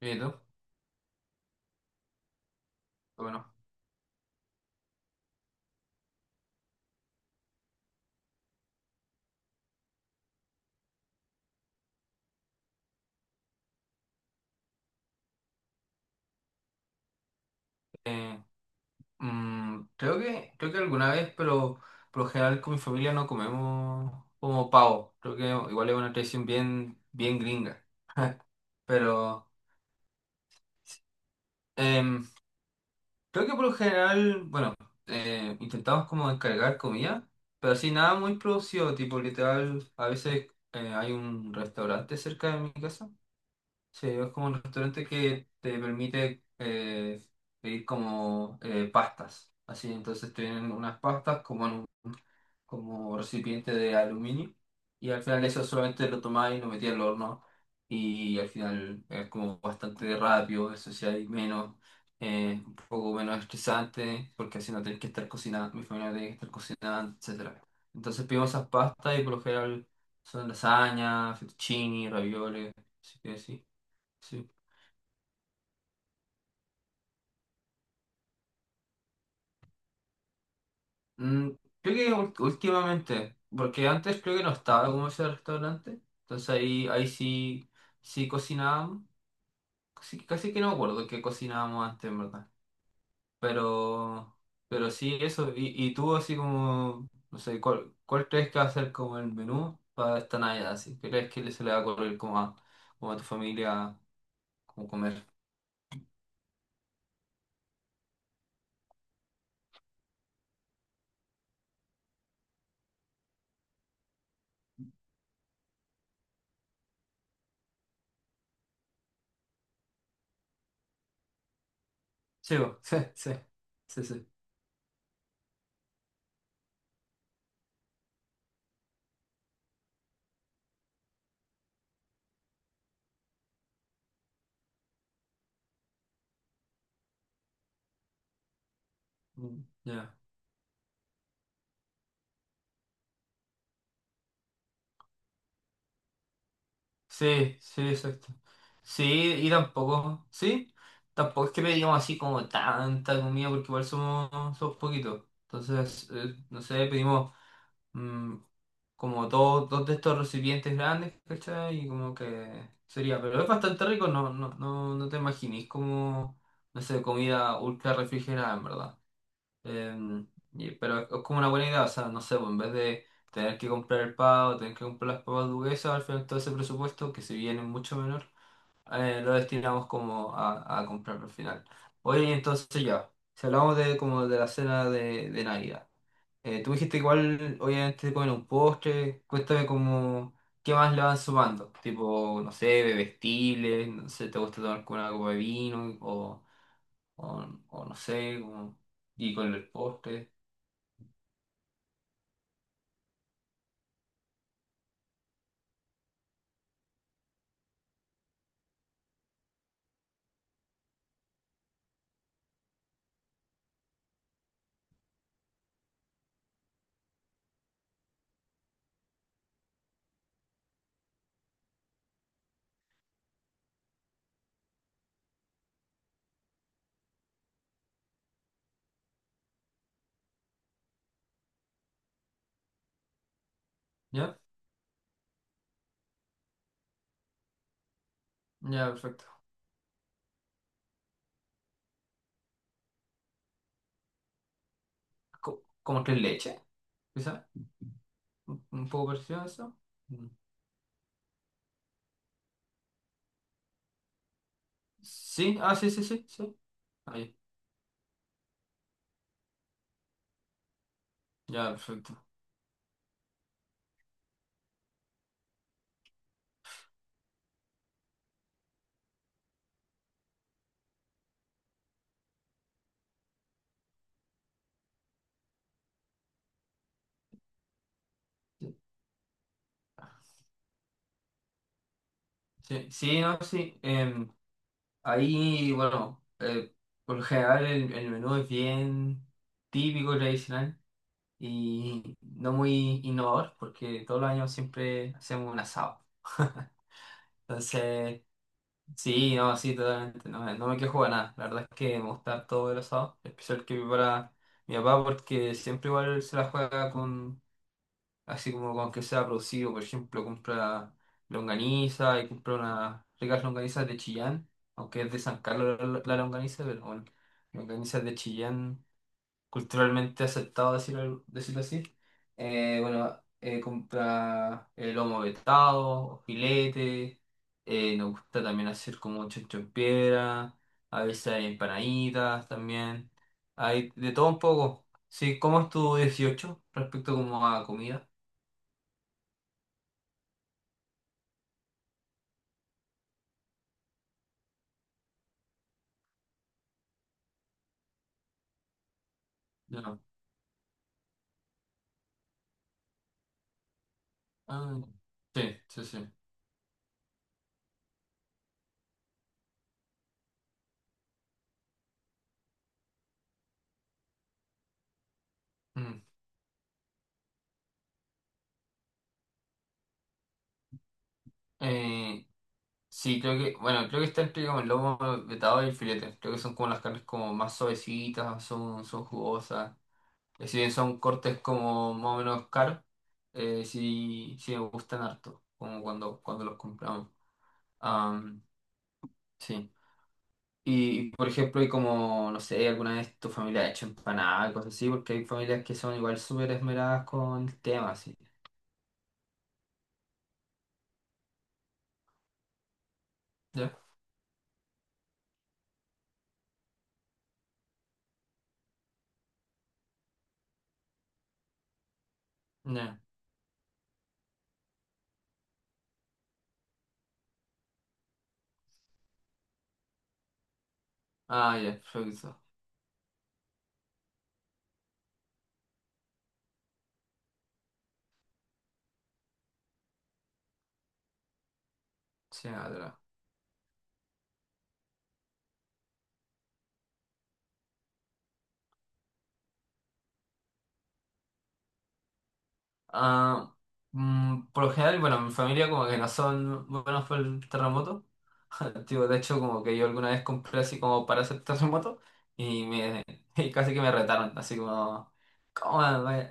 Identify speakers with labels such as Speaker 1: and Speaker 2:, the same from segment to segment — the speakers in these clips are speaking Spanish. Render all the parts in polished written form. Speaker 1: Bien, ¿y tú? Qué Bueno, eh, creo que alguna vez, pero por lo general con mi familia no comemos como pavo. Creo que igual es una tradición bien, bien gringa. Pero em, creo que por lo general, bueno, intentamos como encargar comida, pero así nada muy producido, tipo literal, a veces hay un restaurante cerca de mi casa. Sí, es como un restaurante que te permite pedir como pastas. Así, entonces tienen unas pastas como en un como recipiente de aluminio y al final eso solamente lo tomás y lo metías al horno y al final es como bastante rápido, eso sí hay menos, un poco menos estresante porque así no tenés que estar cocinando, mi familia no tiene que estar cocinando, etcétera. Entonces pedimos esas pastas y por lo general son lasaña, fettuccini, ravioles, así que sí. Sí. Mm, creo que últimamente, porque antes creo que no estaba como ese restaurante, entonces ahí, ahí sí, sí cocinábamos, casi, casi que no me acuerdo que cocinábamos antes, en verdad, pero, pero sí eso, y tú así como, no sé, cuál crees que va a ser como el menú para esta Navidad? ¿Así? ¿Qué crees que se le va a ocurrir como a, como a tu familia, como comer? Sí, bo, sí, sí, sí, sí. Mm, ya. Sí, sí, exacto. Sí, y tampoco, sí, tampoco es que pedimos así como tanta comida porque igual somos, somos poquitos. Entonces, no sé, pedimos mm, como dos, dos de estos recipientes grandes, ¿cachai? Y como que sería, pero es bastante rico, no, no, no, no te imaginís como, no sé, comida ultra refrigerada, en verdad. Em, pero es como una buena idea, o sea, no sé, pues, en vez de tener que comprar el pavo, tener que comprar las papas duquesas, al final todo ese presupuesto, que si bien es mucho menor, lo destinamos como a comprar al final. Oye, entonces ya, si hablamos de como de la cena de Navidad, tú dijiste igual, obviamente comen un postre, cuéntame como, ¿qué más le van sumando? Tipo, no sé, bebestibles, no sé, ¿te gusta tomar con una copa de vino? O no sé, como, y con el postre. ¿Ya? Ya, perfecto. ¿Como tres leches? ¿Quizá? Un poco parecido a eso? Mm. Sí, ah, sí, sí, sí, sí. Ahí, ya, perfecto. Sí, sí, sí, no, sí. Ahí, bueno, por lo general el menú es bien típico, tradicional y no muy innovador porque todos los años siempre hacemos un asado. Entonces, sí, no, sí, totalmente. No, me no me quejo de nada. La verdad es que me gusta todo el asado, especial que prepara mi papá, porque siempre igual se la juega con, así como con que sea producido. Por ejemplo, compra longaniza y compra unas ricas longanizas de Chillán, aunque es de San Carlos la, la longaniza, pero bueno, longanizas de Chillán culturalmente aceptado decirlo, decirlo así. Bueno, compra el lomo vetado, o filete, nos gusta también hacer como chancho en piedra, a veces hay empanaditas también, hay de todo un poco. Sí, ¿cómo es tu 18 respecto como a comida? No. Ah, sí, sí, sí. Mm. Eh, sí, creo que, bueno, creo que está entre como el lomo vetado y el filete. Creo que son como las carnes como más suavecitas, son, son jugosas. Si bien son cortes como más o menos caros, sí, sí me gustan harto, como cuando, cuando los compramos. Am, sí. Y, por ejemplo, hay como, no sé, alguna vez tu familia ha hecho empanadas, cosas así, porque hay familias que son igual súper esmeradas con el tema, así. ¿Ya? Ya. Ah, ya, perfecto. Sí, atrás. Ah, por lo general, bueno, mi familia como que no son buenos por el terremoto. Tipo, de hecho, como que yo alguna vez compré así como para hacer terremoto y, me, y casi que me retaron, así como, ¿cómo?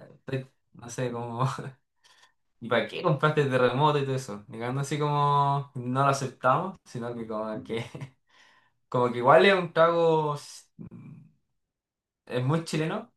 Speaker 1: No sé, como, ¿y para qué compraste terremoto y todo eso? Llegando así como, no lo aceptamos, sino que como que, como que igual es un trago, es muy chileno.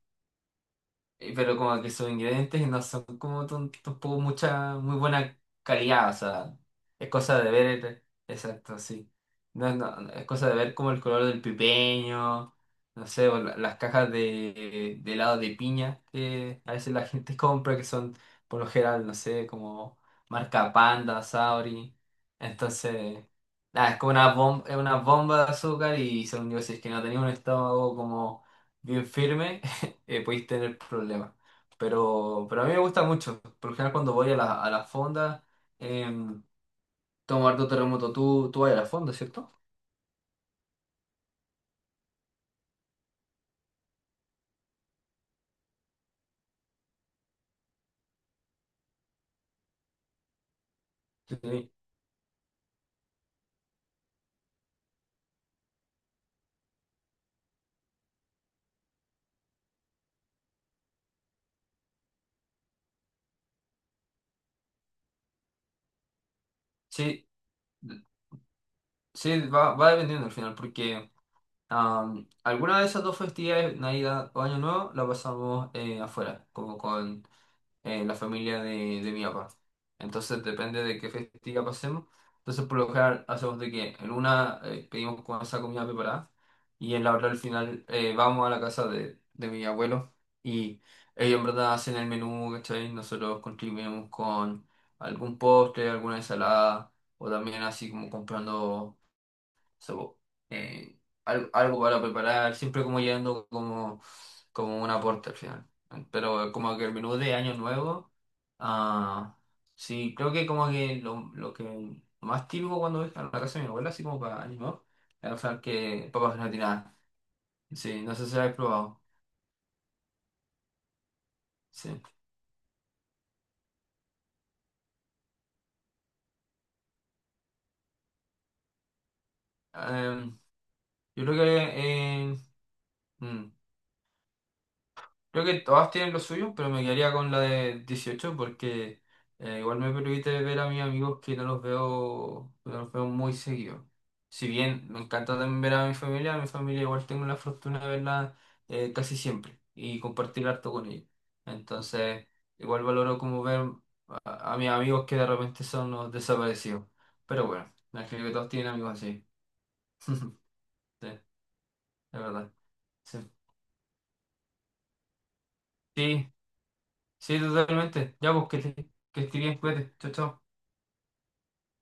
Speaker 1: Pero como que sus ingredientes no son como tampoco mucha, muy buena calidad, o sea, es cosa de ver, exacto, sí. No, no, no, es cosa de ver como el color del pipeño, no sé, o las cajas de helado de piña que a veces la gente compra, que son por lo general, no sé, como marca Panda, Sauri. Entonces, nada, es como una bomba, es una bomba de azúcar y según yo, si es que no tenía un estómago como bien firme podéis tener problemas. Pero a mí me gusta mucho. Por lo general, cuando voy a la fonda, em, tomo harto terremoto. Tú vas a la fonda, ¿cierto? Sí. Sí, sí, va, va dependiendo al final, porque alguna de esas dos festividades, Navidad o Año Nuevo, la pasamos afuera, como con la familia de mi papá. Entonces depende de qué festiva pasemos. Entonces por lo general hacemos de que en una pedimos con esa comida preparada y en la otra al final vamos a la casa de mi abuelo y ellos en verdad hacen el menú, ¿cachai? Nosotros contribuimos con algún postre, alguna ensalada o también así como comprando so, eh, algo, para preparar, siempre como yendo como, como un aporte al final. Pero como que el menú de Año Nuevo, ah, sí, creo que como que lo que más típico cuando voy a la casa de mi abuela, así como para Año Nuevo, es sea, que papas gratinadas. Sí, no sé si lo habéis probado. Sí. Em, yo creo que eh, mm, creo que todas tienen lo suyo, pero me quedaría con la de 18 porque igual me permite ver a mis amigos que no los veo, no los veo muy seguido. Si bien me encanta también ver a mi familia igual tengo la fortuna de verla casi siempre y compartir harto con ellos. Entonces, igual valoro como ver a mis amigos que de repente son los desaparecidos. Pero bueno, me imagino que todos tienen amigos así. Sí, es verdad. Sí. Sí, sí, totalmente. Ya, pues que estés bien, cuídate. Chao, chao.